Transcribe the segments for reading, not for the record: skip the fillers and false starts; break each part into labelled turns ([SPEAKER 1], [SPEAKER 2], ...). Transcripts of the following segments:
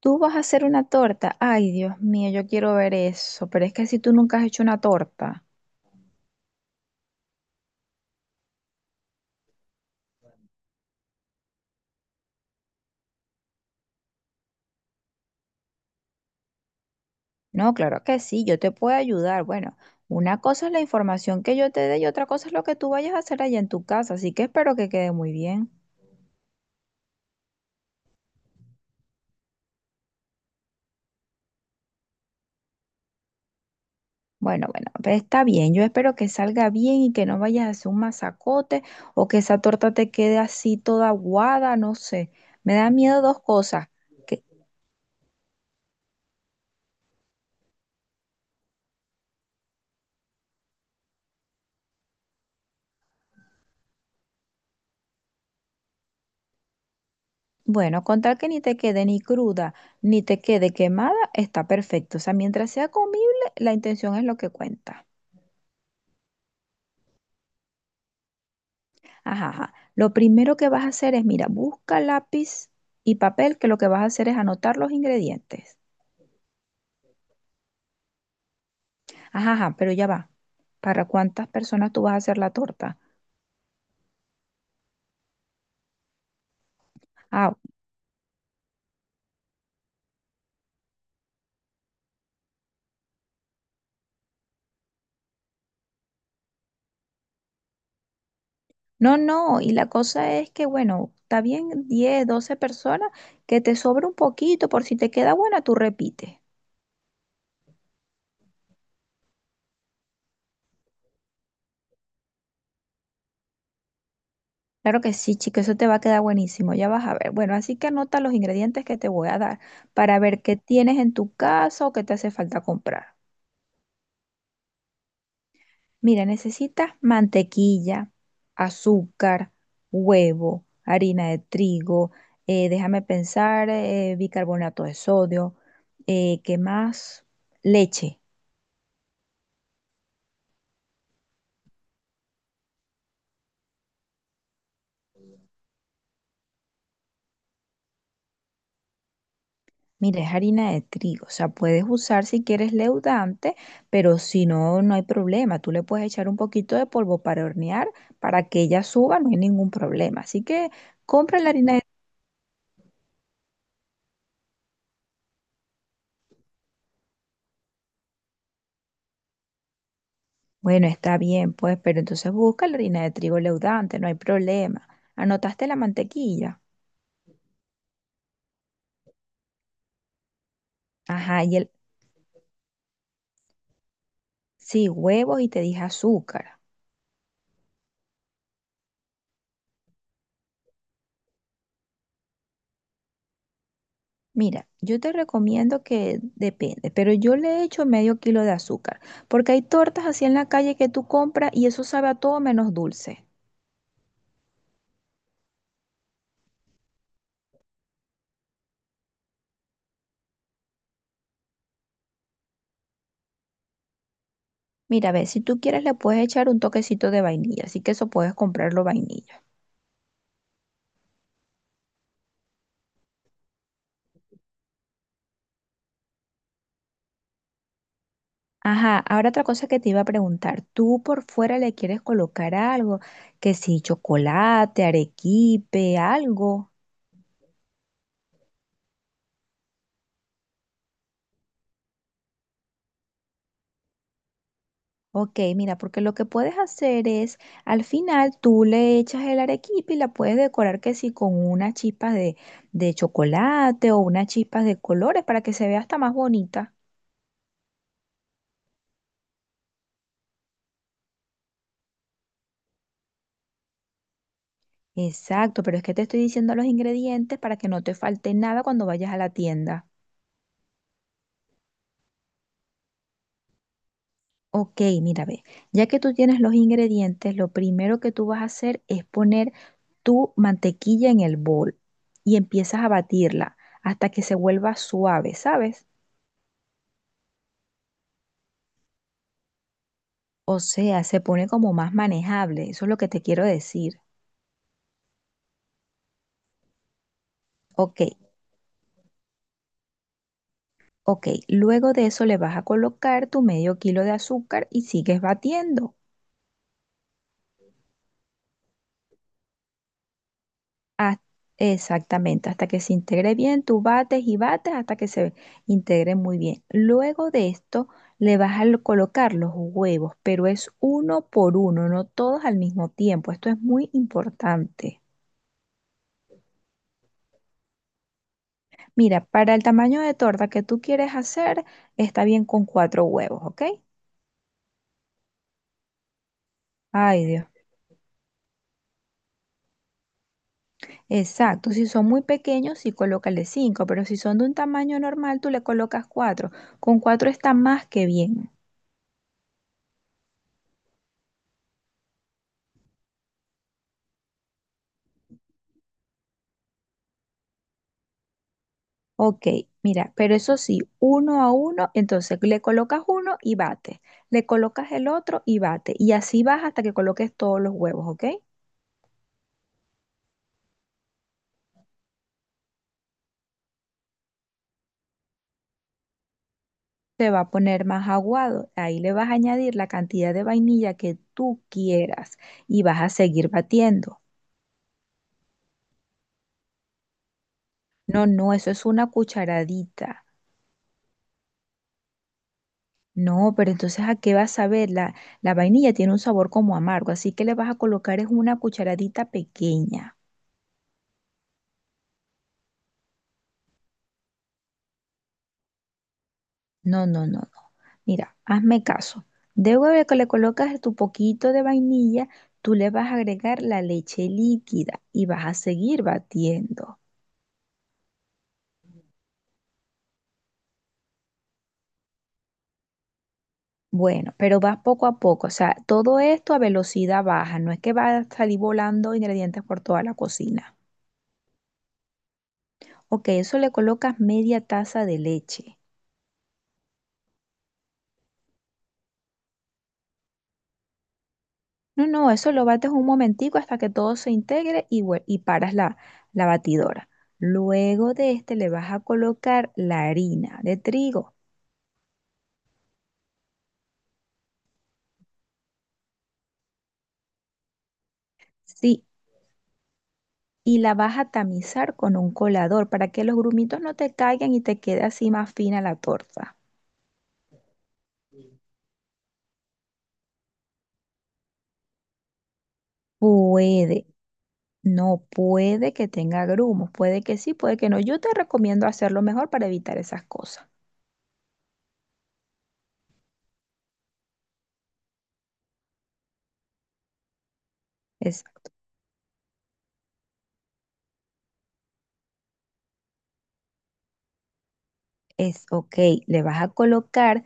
[SPEAKER 1] Tú vas a hacer una torta. Ay, Dios mío, yo quiero ver eso. Pero es que si tú nunca has hecho una torta. No, claro que sí, yo te puedo ayudar. Bueno, una cosa es la información que yo te dé y otra cosa es lo que tú vayas a hacer allá en tu casa. Así que espero que quede muy bien. Bueno, pues está bien. Yo espero que salga bien y que no vayas a hacer un masacote o que esa torta te quede así toda aguada, no sé. Me da miedo dos cosas. Bueno, con tal que ni te quede ni cruda ni te quede quemada, está perfecto. O sea, mientras sea comible, la intención es lo que cuenta. Ajá, ajá. Lo primero que vas a hacer es, mira, busca lápiz y papel, que lo que vas a hacer es anotar los ingredientes. Ajá, ajá, pero ya va. ¿Para cuántas personas tú vas a hacer la torta? Ah, no, no. Y la cosa es que, bueno, está bien 10, 12 personas, que te sobra un poquito, por si te queda buena, tú repites. Claro que sí, chico, eso te va a quedar buenísimo, ya vas a ver. Bueno, así que anota los ingredientes que te voy a dar para ver qué tienes en tu casa o qué te hace falta comprar. Mira, necesitas mantequilla, azúcar, huevo, harina de trigo, déjame pensar, bicarbonato de sodio, ¿qué más? Leche. Mira, es harina de trigo, o sea, puedes usar si quieres leudante, pero si no, no hay problema. Tú le puedes echar un poquito de polvo para hornear, para que ella suba, no hay ningún problema. Así que compra la harina de trigo. Bueno, está bien, pues, pero entonces busca la harina de trigo leudante, no hay problema. Anotaste la mantequilla. Ajá, y el... Sí, huevos y te dije azúcar. Mira, yo te recomiendo que depende, pero yo le echo medio kilo de azúcar, porque hay tortas así en la calle que tú compras y eso sabe a todo menos dulce. Mira, a ver, si tú quieres le puedes echar un toquecito de vainilla, así que eso puedes comprarlo vainilla. Ajá, ahora otra cosa que te iba a preguntar, ¿tú por fuera le quieres colocar algo? Que si chocolate, arequipe, algo. Ok, mira, porque lo que puedes hacer es, al final tú le echas el arequipe y la puedes decorar que sí con unas chispas de chocolate o unas chispas de colores para que se vea hasta más bonita. Exacto, pero es que te estoy diciendo los ingredientes para que no te falte nada cuando vayas a la tienda. Ok, mira, ve, ya que tú tienes los ingredientes, lo primero que tú vas a hacer es poner tu mantequilla en el bol y empiezas a batirla hasta que se vuelva suave, ¿sabes? O sea, se pone como más manejable, eso es lo que te quiero decir. Ok, ok, luego de eso le vas a colocar tu medio kilo de azúcar y sigues batiendo. Haz- Exactamente, hasta que se integre bien, tú bates y bates hasta que se integre muy bien. Luego de esto le vas a colocar los huevos, pero es uno por uno, no todos al mismo tiempo. Esto es muy importante. Mira, para el tamaño de torta que tú quieres hacer, está bien con cuatro huevos, ¿ok? Ay, Dios. Exacto, si son muy pequeños, sí colócale cinco, pero si son de un tamaño normal, tú le colocas cuatro. Con cuatro está más que bien. Ok, mira, pero eso sí, uno a uno, entonces le colocas uno y bate, le colocas el otro y bate, y así vas hasta que coloques todos los huevos, ¿ok? Se va a poner más aguado, ahí le vas a añadir la cantidad de vainilla que tú quieras y vas a seguir batiendo. No, no, eso es una cucharadita. No, pero entonces ¿a qué vas a ver? La vainilla tiene un sabor como amargo, así que le vas a colocar es una cucharadita pequeña. No, no, no, no. Mira, hazme caso. Luego de que le colocas tu poquito de vainilla, tú le vas a agregar la leche líquida y vas a seguir batiendo. Bueno, pero vas poco a poco, o sea, todo esto a velocidad baja, no es que va a salir volando ingredientes por toda la cocina. Ok, eso le colocas media taza de leche. No, no, eso lo bates un momentico hasta que todo se integre y, y paras la batidora. Luego de este le vas a colocar la harina de trigo, sí, y la vas a tamizar con un colador para que los grumitos no te caigan y te quede así más fina la torta. Puede, no puede que tenga grumos, puede que sí, puede que no. Yo te recomiendo hacerlo mejor para evitar esas cosas. Es, es Ok, le vas a colocar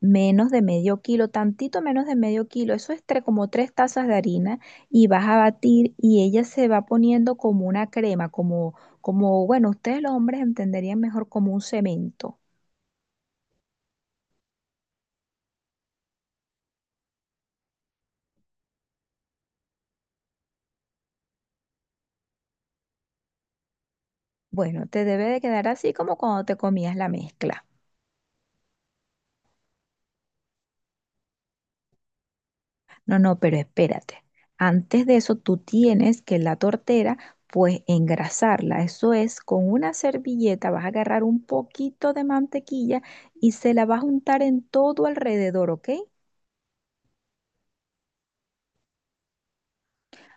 [SPEAKER 1] menos de medio kilo, tantito menos de medio kilo, eso es como tres tazas de harina y vas a batir y ella se va poniendo como una crema, como, como, bueno, ustedes los hombres entenderían mejor como un cemento. Bueno, te debe de quedar así como cuando te comías la mezcla. No, no, pero espérate. Antes de eso, tú tienes que la tortera, pues engrasarla. Eso es, con una servilleta vas a agarrar un poquito de mantequilla y se la vas a untar en todo alrededor, ¿ok?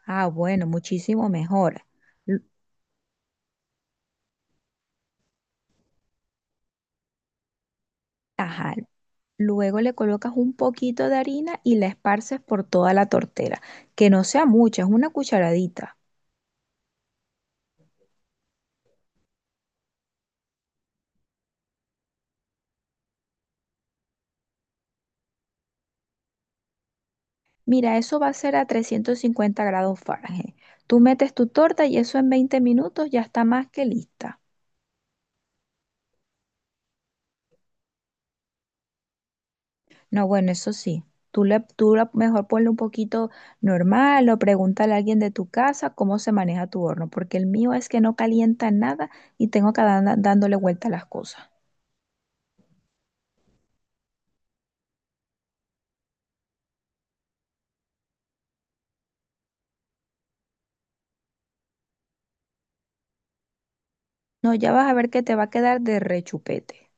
[SPEAKER 1] Ah, bueno, muchísimo mejor. L- Ajá. Luego le colocas un poquito de harina y la esparces por toda la tortera. Que no sea mucha, es una cucharadita. Mira, eso va a ser a 350 grados Fahrenheit. Tú metes tu torta y eso en 20 minutos ya está más que lista. No, bueno, eso sí. Tú, le, tú la- Mejor ponle un poquito normal o pregúntale a alguien de tu casa cómo se maneja tu horno, porque el mío es que no calienta nada y tengo que dándole vuelta a las cosas. No, ya vas a ver que te va a quedar de rechupete.